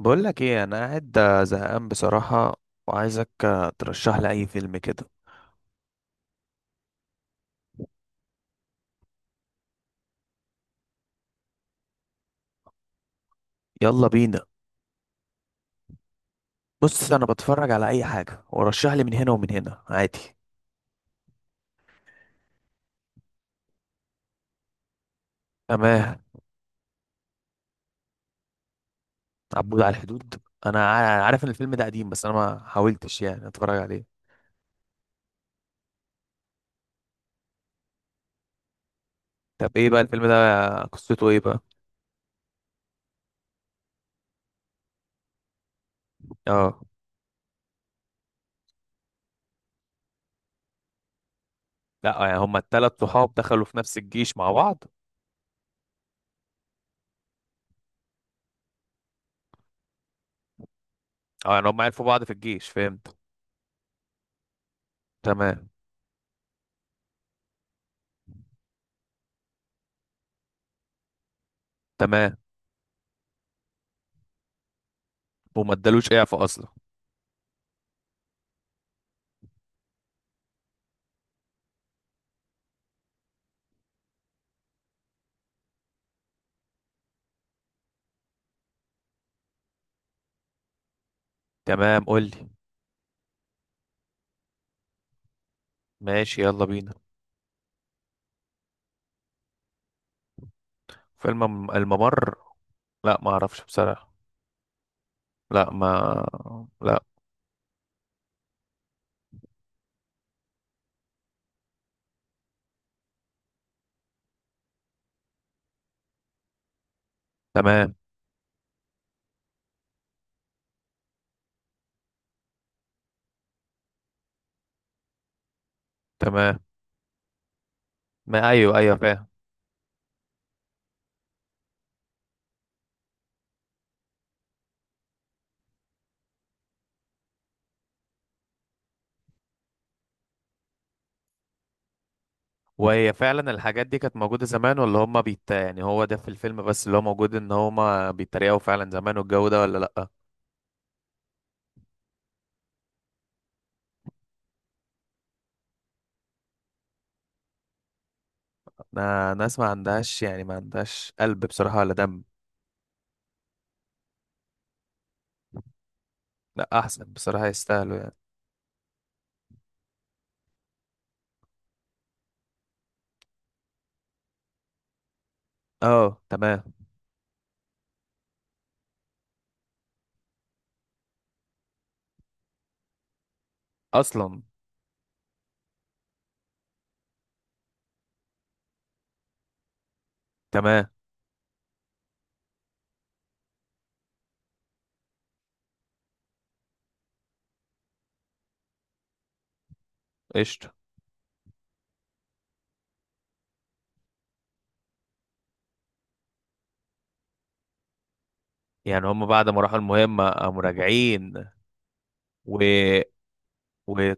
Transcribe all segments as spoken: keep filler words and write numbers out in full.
بقول لك ايه، انا قاعد آه، زهقان بصراحة. وعايزك آه، ترشح لي اي فيلم كده. يلا بينا. بص انا بتفرج على اي حاجة، ورشح لي من هنا ومن هنا عادي. تمام. عبود على الحدود، انا ع- عارف ان الفيلم ده قديم، بس انا ما حاولتش يعني اتفرج عليه. طب ايه بقى الفيلم ده؟ قصته ايه بقى؟ اه. لا يعني هما التلات صحاب دخلوا في نفس الجيش مع بعض؟ اه، يعني هما عرفوا بعض في الجيش، فهمت. تمام. تمام. وما ادالوش اعفاء اصلا. تمام، قول لي. ماشي، يلا بينا. فيلم الم- الممر. لا ما اعرفش بصراحة. لا، ما لا. تمام. تمام. ما ايوه ايوه، فاهم. وهي فعلا الحاجات دي كانت موجودة زمان، ولا هما بيت يعني، هو ده في الفيلم بس اللي هو موجود ان هما بيتريقوا فعلا زمان والجو ده، ولا لا؟ انا ناس ما عندهاش يعني ما عندهاش قلب بصراحة ولا دم. لا احسن بصراحة يستاهلوا يعني. اه، تمام. اصلا، تمام. قشطة. يعني هما بعد ما راحوا المهمة قاموا راجعين؟ وتمام.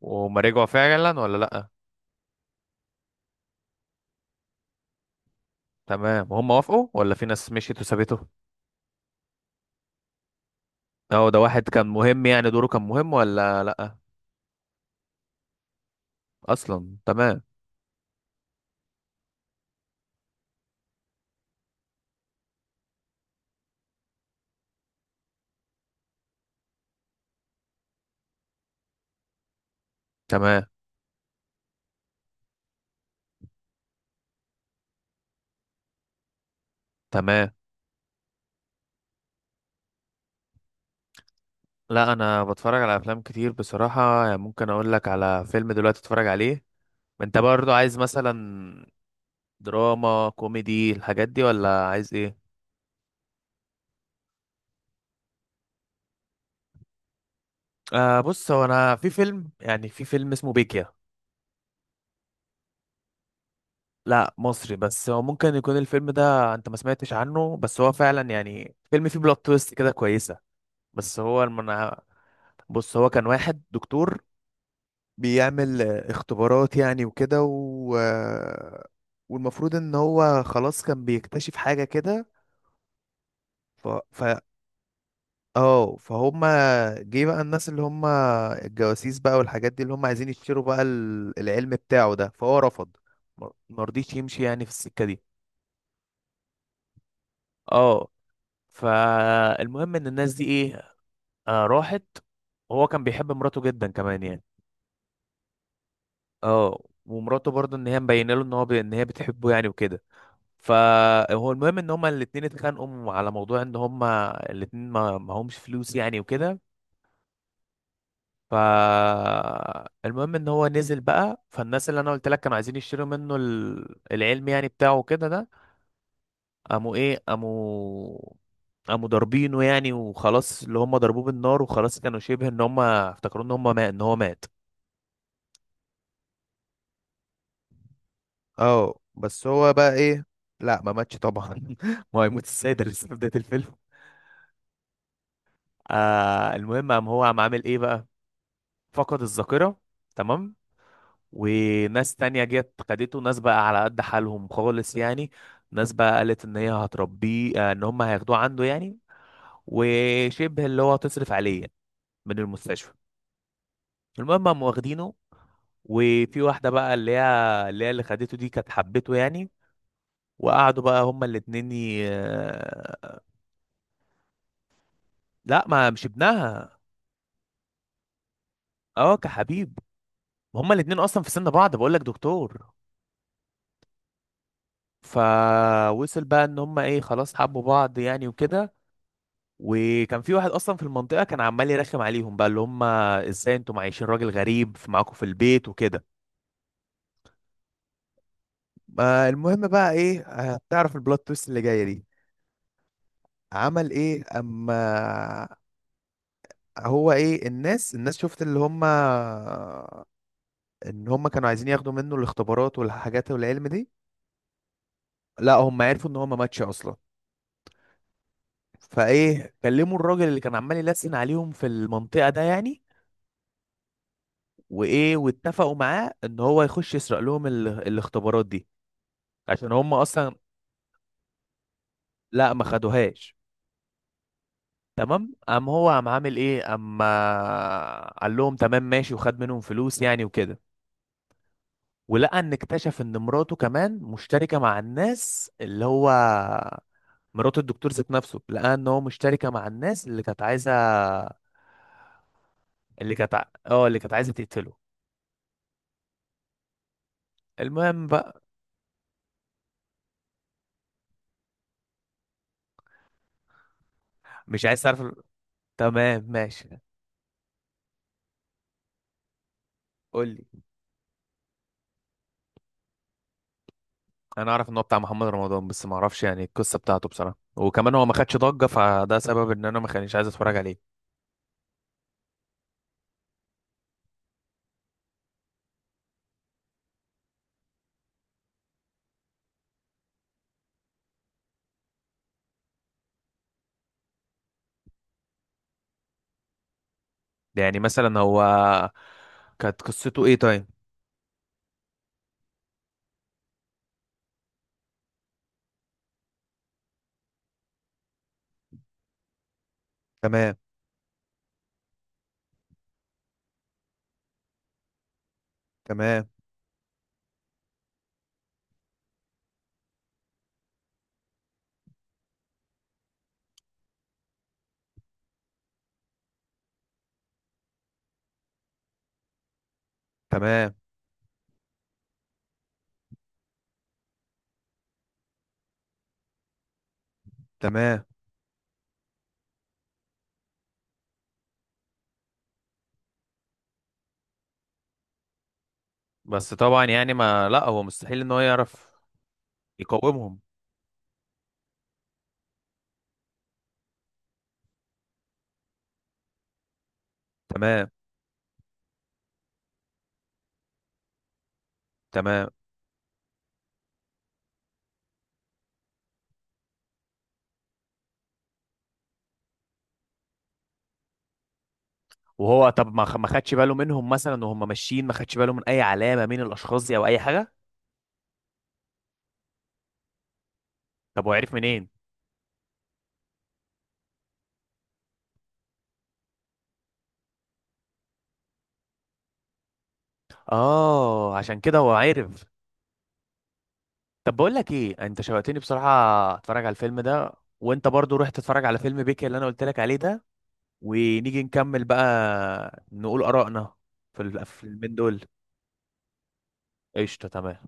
وهم رجعوا فعلا ولا لأ؟ تمام، وهم وافقوا ولا في ناس مشيت وسابته؟ اه، ده واحد كان مهم يعني، دوره كان مهم ولا لأ؟ أصلا، تمام. تمام. تمام. لا، أنا بتفرج على أفلام كتير بصراحة، يعني ممكن أقول لك على فيلم دلوقتي تتفرج عليه. أنت برضو عايز مثلا دراما كوميدي الحاجات دي ولا عايز إيه؟ آه، بص هو، أنا في فيلم يعني في فيلم اسمه بيكيا. لا مصري، بس هو ممكن يكون الفيلم ده انت ما سمعتش عنه، بس هو فعلا يعني فيلم فيه بلوت تويست كده كويسة. بس هو المنا. بص هو كان واحد دكتور، بيعمل آه، اختبارات يعني وكده و... آه، والمفروض ان هو خلاص كان بيكتشف حاجة كده ف... ف... اه، فهم. جه بقى الناس اللي هم الجواسيس بقى، والحاجات دي اللي هم عايزين يشتروا بقى ال- العلم بتاعه ده، فهو رفض. ما ما رضيش يمشي يعني في السكة دي. اه. فالمهم ان الناس دي ايه، آه راحت. وهو كان بيحب مراته جدا كمان يعني. اه، ومراته برضه ان هي مبينه له ان هو ب... ان هي بتحبه يعني وكده. فهو المهم ان هما الاتنين اتخانقوا على موضوع ان هما الاتنين ما ما همش فلوس يعني وكده. ف المهم ان هو نزل بقى فالناس اللي انا قلت لك كانوا عايزين يشتروا منه ال... العلم يعني بتاعه كده ده. قاموا ايه قاموا قاموا ضاربينه يعني، وخلاص اللي هم ضربوه بالنار، وخلاص كانوا شبه ان هم افتكروا ان هم مات ان هو مات. اه بس هو بقى ايه. لا ما ماتش طبعا. ما هو هيموت ازاي، ده لسه في بداية الفيلم. آه المهم، قام هو قام عامل ايه بقى، فقد الذاكرة. تمام. وناس تانية جت خدته، ناس بقى على قد حالهم خالص يعني. ناس بقى قالت ان هي هتربيه، آه ان هم هياخدوه عنده يعني. وشبه اللي هو هتصرف عليه يعني من المستشفى. المهم هم واخدينه، وفي واحدة بقى اللي هي اللي هي اللي خدته دي كانت حبته يعني. وقعدوا بقى هما الاتنين ي... آه، لا، ما مش ابنها. اه، كحبيب. هما الاتنين اصلا في سن بعض بقولك دكتور. فوصل بقى ان هما ايه، خلاص حبوا بعض يعني وكده. وكان في واحد اصلا في المنطقة كان عمال يرخم عليهم بقى، اللي هما ازاي انتوا معيشين راجل غريب في معاكم في البيت وكده. ما المهم بقى ايه؟ هتعرف البلوت تويست اللي جايه دي. عمل ايه اما هو ايه، الناس الناس شفت اللي هم ان هم كانوا عايزين ياخدوا منه الاختبارات والحاجات والعلم دي. لا، هم عرفوا ان هم ماتش اصلا. فايه، كلموا الراجل اللي كان عمال يلسن عليهم في المنطقة ده يعني. وايه واتفقوا معاه ان هو يخش يسرق لهم ال... الاختبارات دي. عشان هم اصلا. لا ما خدوهاش. تمام، قام هو قام عامل ايه اما، قال لهم تمام ماشي وخد منهم فلوس يعني وكده. ولقى ان اكتشف ان مراته كمان مشتركة مع الناس اللي هو، مرات الدكتور ذات نفسه، لقى ان هو مشتركة مع الناس اللي كانت عايزة، اللي كانت ع- اه اللي كانت عايزة تقتله. المهم بقى. مش عايز تعرف ال- تمام ماشي. قول لي. انا اعرف ان هو بتاع محمد رمضان، بس ما اعرفش يعني القصة بتاعته بصراحة، وكمان هو ما خدش ضجة، فده سبب ان انا ما كانش عايز اتفرج عليه. يعني مثلا هو، كانت قصته ايه طيب؟ تمام. تمام. تمام. تمام. بس طبعا يعني ما لا، هو مستحيل ان هو يعرف. يقومهم. تمام. تمام. وهو، طب ما خ- ما خدش باله منهم مثلا وهم ماشيين، ما خدش باله من اي علامة مين الاشخاص دي او اي حاجة؟ طب هو عرف منين؟ اه، عشان كده هو عرف. طب بقول لك ايه، انت شوقتني بصراحة. اتفرج على الفيلم ده. وانت برضو روح تتفرج على فيلم بيكي اللي انا قلت لك عليه ده. ونيجي نكمل بقى نقول آرائنا في الفيلمين دول. قشطة، تمام.